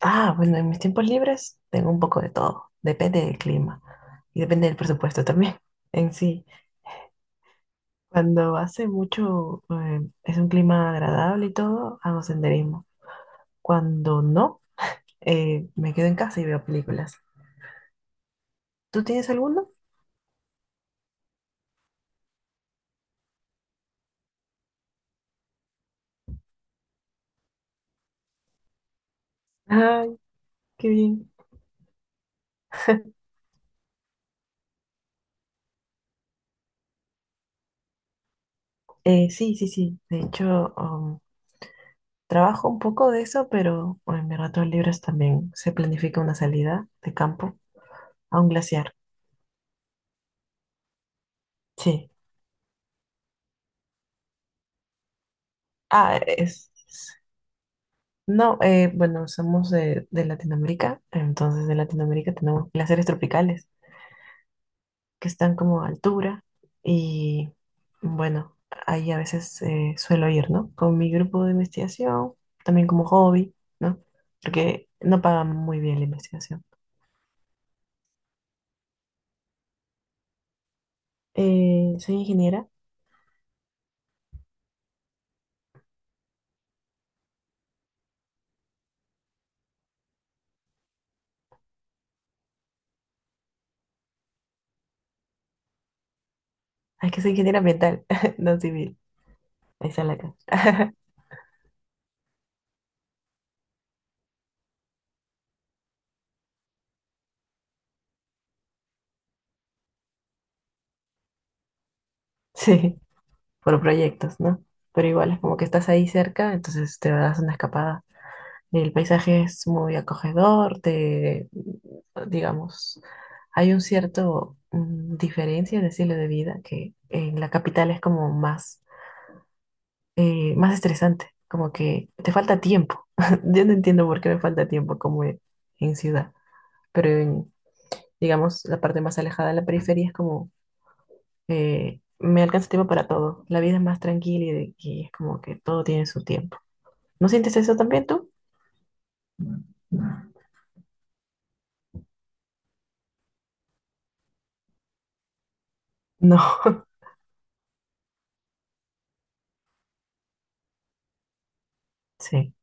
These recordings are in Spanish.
Ah, bueno, en mis tiempos libres tengo un poco de todo. Depende del clima y depende del presupuesto también en sí. Cuando hace mucho, es un clima agradable y todo, hago senderismo. Cuando no, me quedo en casa y veo películas. ¿Tú tienes alguno? Ay, qué bien. Sí, sí, sí. De hecho, trabajo un poco de eso, pero bueno, en mis ratos libres también se planifica una salida de campo a un glaciar. Sí. Ah, es... No, bueno, somos de Latinoamérica, entonces de Latinoamérica tenemos glaciares tropicales, que están como a altura, y bueno, ahí a veces suelo ir, ¿no? Con mi grupo de investigación, también como hobby, ¿no? Porque no pagan muy bien la investigación. Soy ingeniera, es que soy ingeniera ambiental, no civil, ahí está la cara. Sí, por proyectos, ¿no? Pero igual es como que estás ahí cerca, entonces te das una escapada. El paisaje es muy acogedor, te, digamos, hay un cierto diferencia de estilo de vida que en la capital es como más, más estresante, como que te falta tiempo. Yo no entiendo por qué me falta tiempo como en ciudad, pero en, digamos, la parte más alejada de la periferia es como, me alcanza tiempo para todo. La vida es más tranquila y, y es como que todo tiene su tiempo. ¿No sientes eso también tú? No, sí,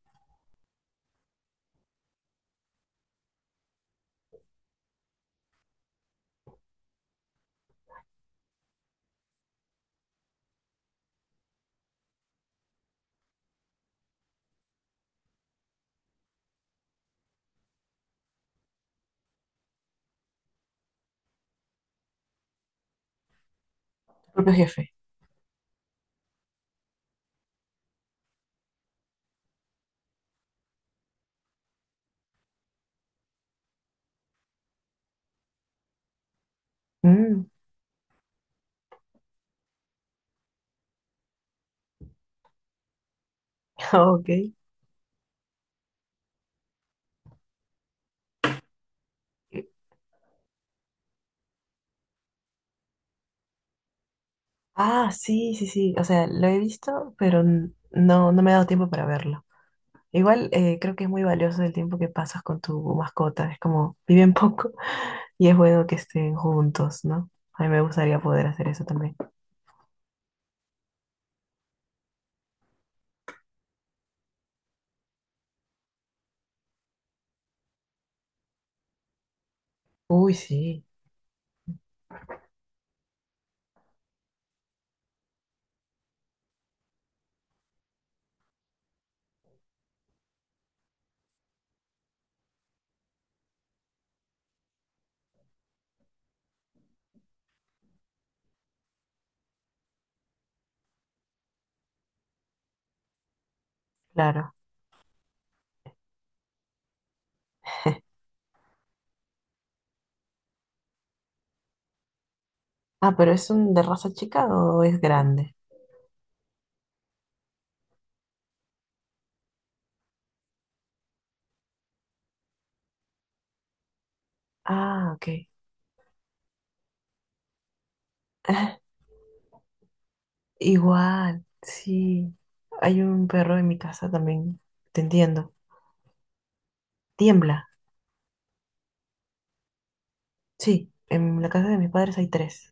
propio jefe. Mm, ok. Ah, sí, sí, sí. O sea, lo he visto, pero no, no me he dado tiempo para verlo. Igual creo que es muy valioso el tiempo que pasas con tu mascota. Es como viven poco y es bueno que estén juntos, ¿no? A mí me gustaría poder hacer eso también. Uy, sí, claro. Ah, pero ¿es un de raza chica o es grande? Ah, ok. Igual, sí. Hay un perro en mi casa también. Te entiendo. Tiembla. Sí, en la casa de mis padres hay tres.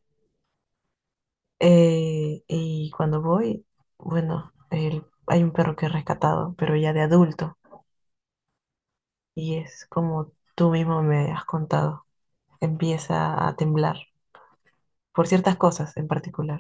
Y cuando voy, bueno, hay un perro que he rescatado, pero ya de adulto. Y es como tú mismo me has contado. Empieza a temblar por ciertas cosas en particular.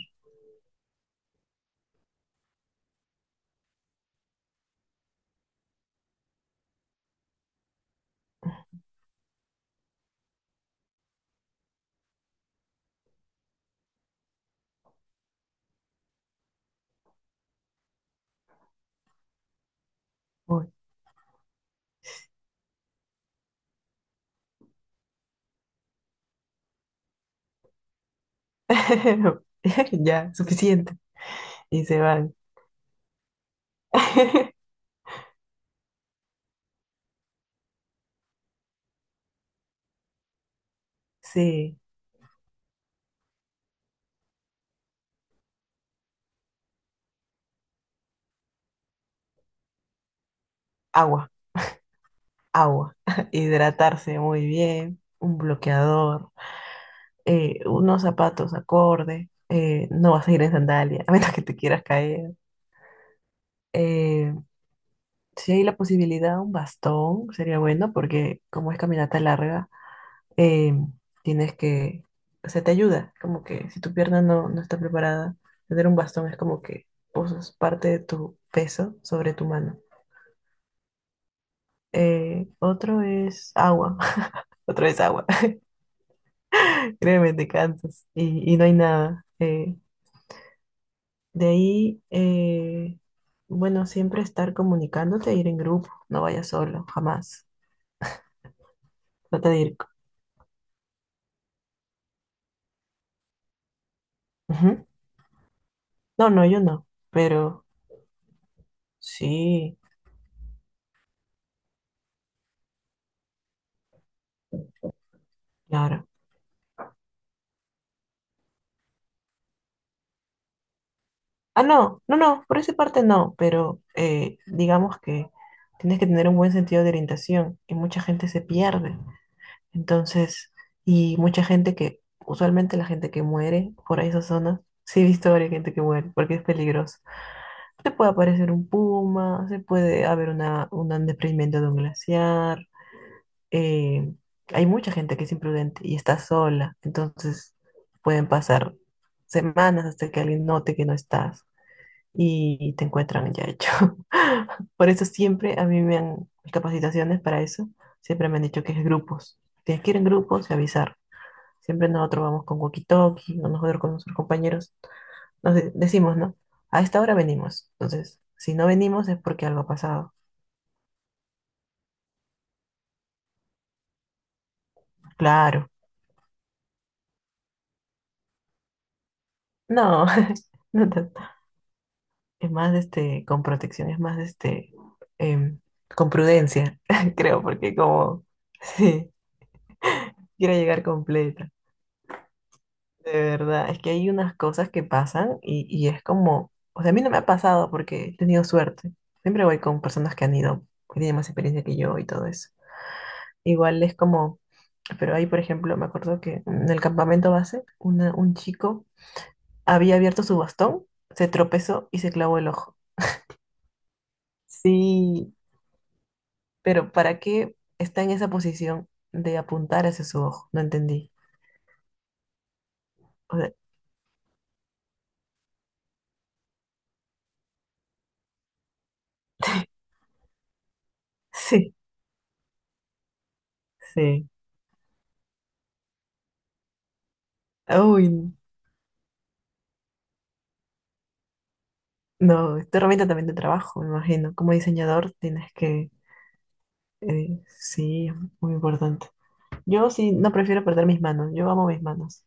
Uy, ya, suficiente. Y se van. Sí, agua, agua. Hidratarse muy bien, un bloqueador. Unos zapatos acorde, no vas a ir en sandalia, a menos que te quieras caer. Eh, si hay la posibilidad, un bastón sería bueno porque como es caminata larga, eh, tienes que, o sea, te ayuda, como que si tu pierna no, no está preparada, tener un bastón es como que posas parte de tu peso sobre tu mano. Otro es agua, otro es agua, créeme, te cansas y no hay nada. De ahí, bueno, siempre estar comunicándote, ir en grupo, no vayas solo, jamás. Trata de ir. Ujú. No, no, yo no, pero sí, claro. Ah, no, no, no, por esa parte no, pero digamos que tienes que tener un buen sentido de orientación y mucha gente se pierde. Entonces, y mucha gente que, usualmente la gente que muere por esas zonas, sí he visto varias gente que muere porque es peligroso. Se puede aparecer un puma, se puede haber una, un desprendimiento de un glaciar. eh, Hay mucha gente que es imprudente y está sola, entonces pueden pasar semanas hasta que alguien note que no estás y te encuentran ya hecho. Por eso siempre a mí me han, mis capacitaciones para eso, siempre me han dicho que es grupos. Tienes que ir en grupos y avisar. Siempre nosotros vamos con walkie-talkie, o nosotros con nuestros compañeros nos decimos, ¿no? A esta hora venimos. Entonces, si no venimos es porque algo ha pasado. Claro. No, no tanto. Es más, este, con protección, es más, este, em, con prudencia, creo, porque como, sí, quiero llegar completa. De verdad, es que hay unas cosas que pasan y es como, o sea, a mí no me ha pasado porque he tenido suerte. Siempre voy con personas que han ido, que tienen más experiencia que yo y todo eso. Igual es como. Pero ahí, por ejemplo, me acuerdo que en el campamento base, un chico había abierto su bastón, se tropezó y se clavó el ojo. Sí, pero ¿para qué está en esa posición de apuntar hacia su ojo? No entendí. O sea, sí, sí. Uy, no, esta herramienta también de trabajo, me imagino. Como diseñador tienes que... sí, es muy importante. Yo sí, no prefiero perder mis manos, yo amo mis manos.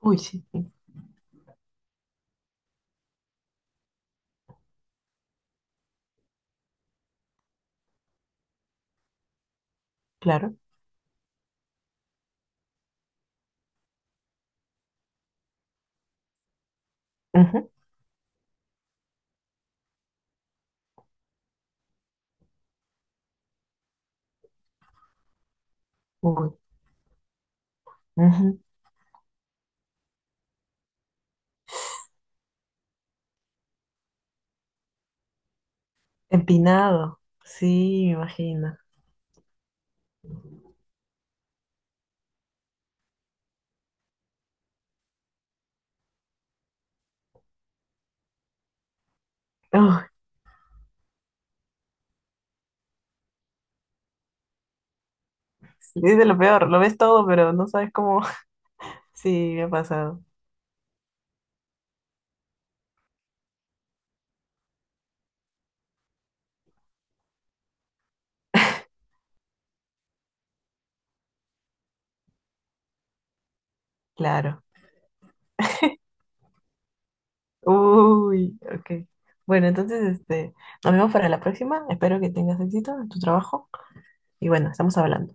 Uy, sí, claro. Ujú, uy, ujú. Empinado, sí, me imagino. Uy, sí, es de lo peor, lo ves todo, pero no sabes cómo. Sí, me ha pasado, claro. Uy, ok. Bueno, entonces, este, nos vemos para la próxima. Espero que tengas éxito en tu trabajo. Y bueno, estamos hablando.